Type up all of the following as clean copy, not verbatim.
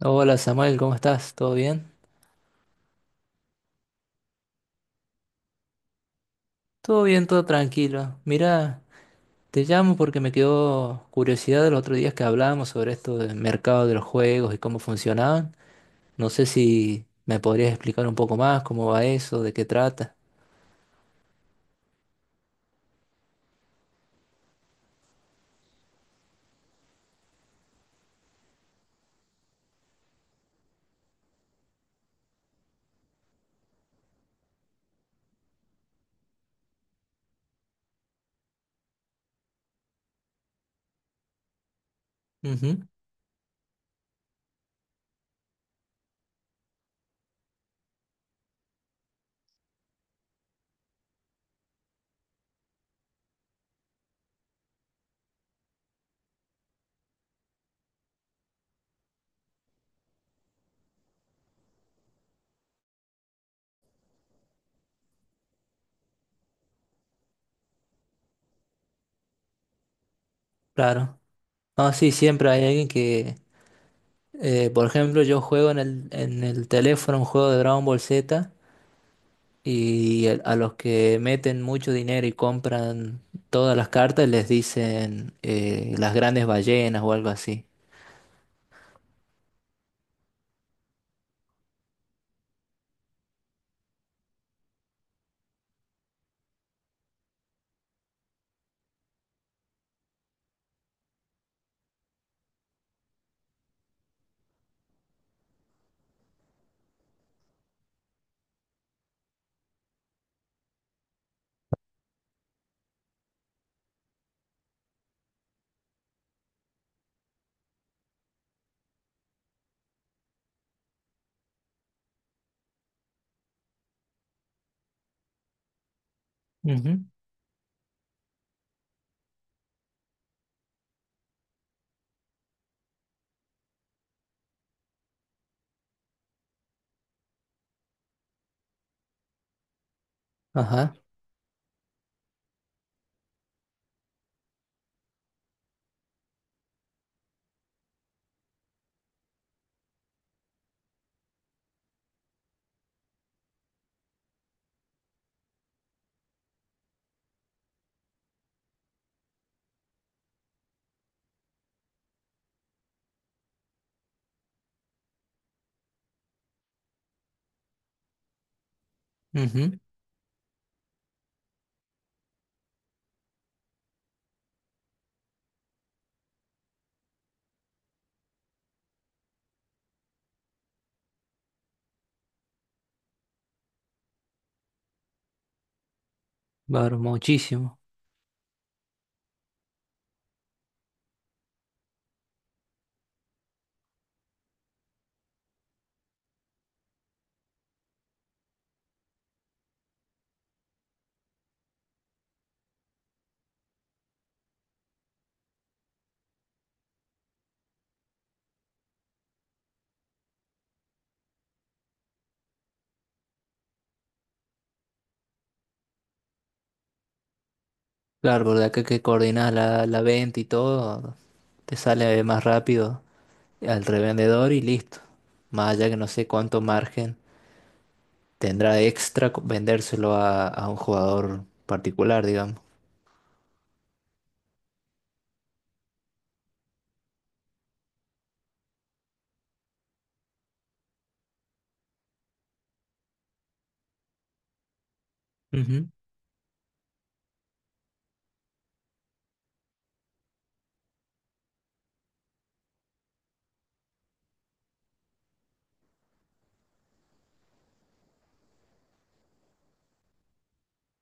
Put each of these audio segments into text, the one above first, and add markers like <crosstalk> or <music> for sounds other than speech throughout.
Hola Samuel, ¿cómo estás? ¿Todo bien? Todo bien, todo tranquilo. Mira, te llamo porque me quedó curiosidad los otros días que hablábamos sobre esto del mercado de los juegos y cómo funcionaban. No sé si me podrías explicar un poco más cómo va eso, de qué trata. Ujú, claro. Ah, sí, siempre hay alguien que, por ejemplo, yo juego en el teléfono un juego de Dragon Ball Z. A los que meten mucho dinero y compran todas las cartas les dicen las grandes ballenas o algo así. Ujú. Ajá. Ujú. Claro, muchísimo. Claro, porque acá que coordinas la venta y todo, te sale más rápido al revendedor y listo. Más allá que no sé cuánto margen tendrá extra vendérselo a un jugador particular, digamos. Ujú.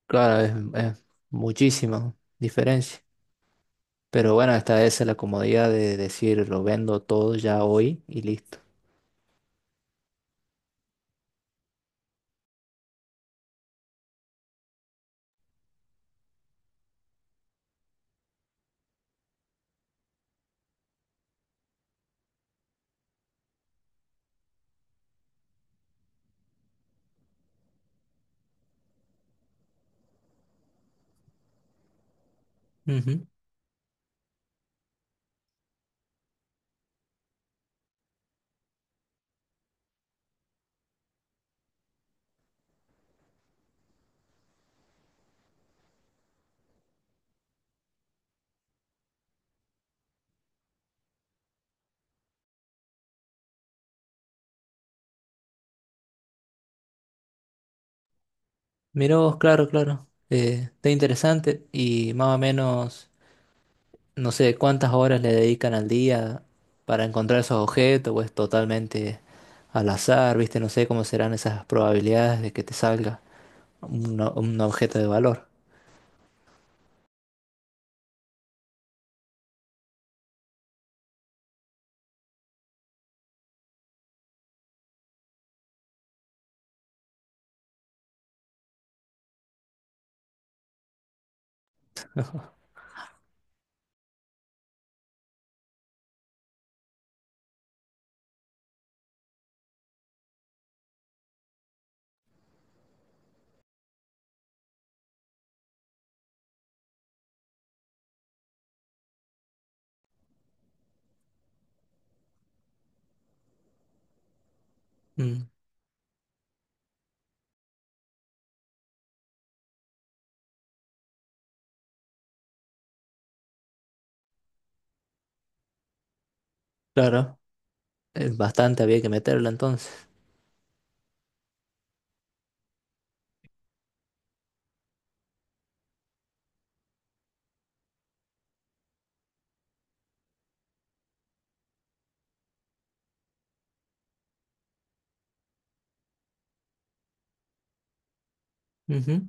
Claro, es muchísima diferencia. Pero bueno, esta es la comodidad de decir lo vendo todo ya hoy y listo. Ujú. Mira vos, claro, claro. Está interesante y más o menos, no sé, cuántas horas le dedican al día para encontrar esos objetos, o es totalmente al azar, ¿viste? No sé cómo serán esas probabilidades de que te salga un, un objeto de valor. Mm, claro, es bastante, había que meterlo entonces. Ujú.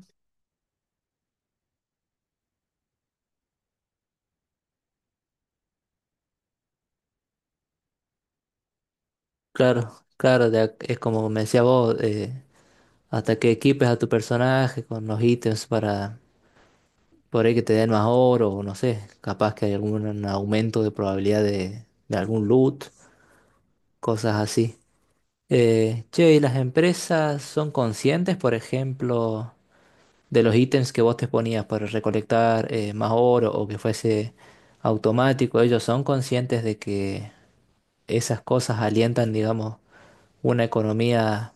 Claro, claro, es como me decía vos, hasta que equipes a tu personaje con los ítems para por ahí que te den más oro o no sé, capaz que hay algún aumento de probabilidad de algún loot, cosas así. Che, ¿y las empresas son conscientes, por ejemplo, de los ítems que vos te ponías para recolectar más oro o que fuese automático? ¿Ellos son conscientes de que esas cosas alientan, digamos, una economía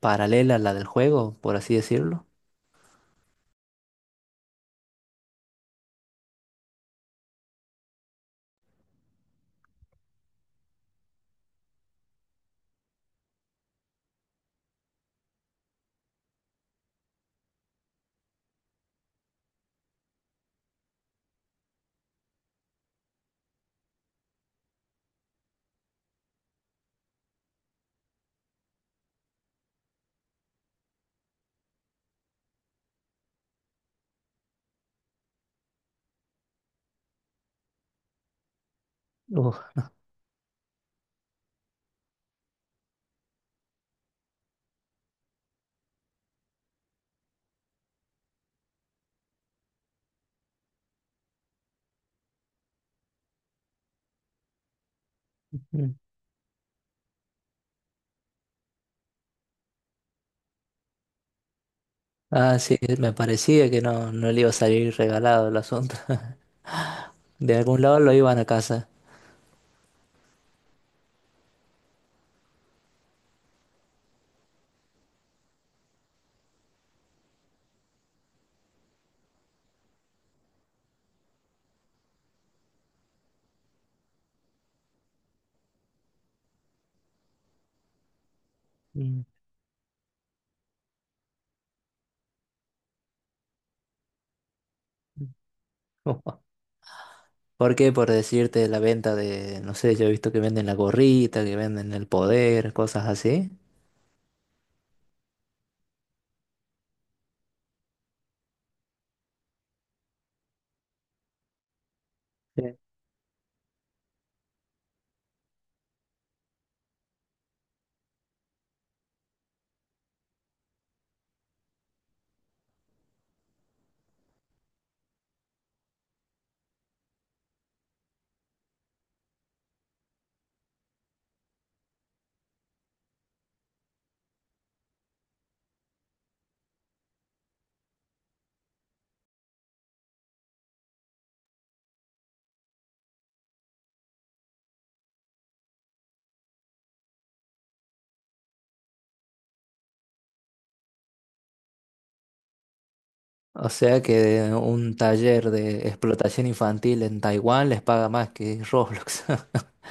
paralela a la del juego, por así decirlo? Uf. Ah, sí, me parecía que no, no le iba a salir regalado el asunto. <laughs> De algún lado lo iban a casa. Mm. <laughs> ¿Por qué? Por decirte la venta de, no sé, yo he visto que venden la gorrita, que venden el poder, cosas así. Sí. O sea que un taller de explotación infantil en Taiwán les paga más que Roblox. <laughs>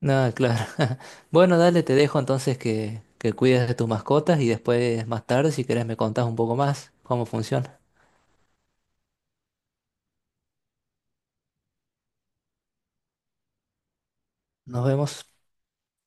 No, claro. <laughs> Bueno, dale, te dejo entonces que cuides de tus mascotas y después, más tarde, si querés, me contás un poco más cómo funciona. Nos vemos.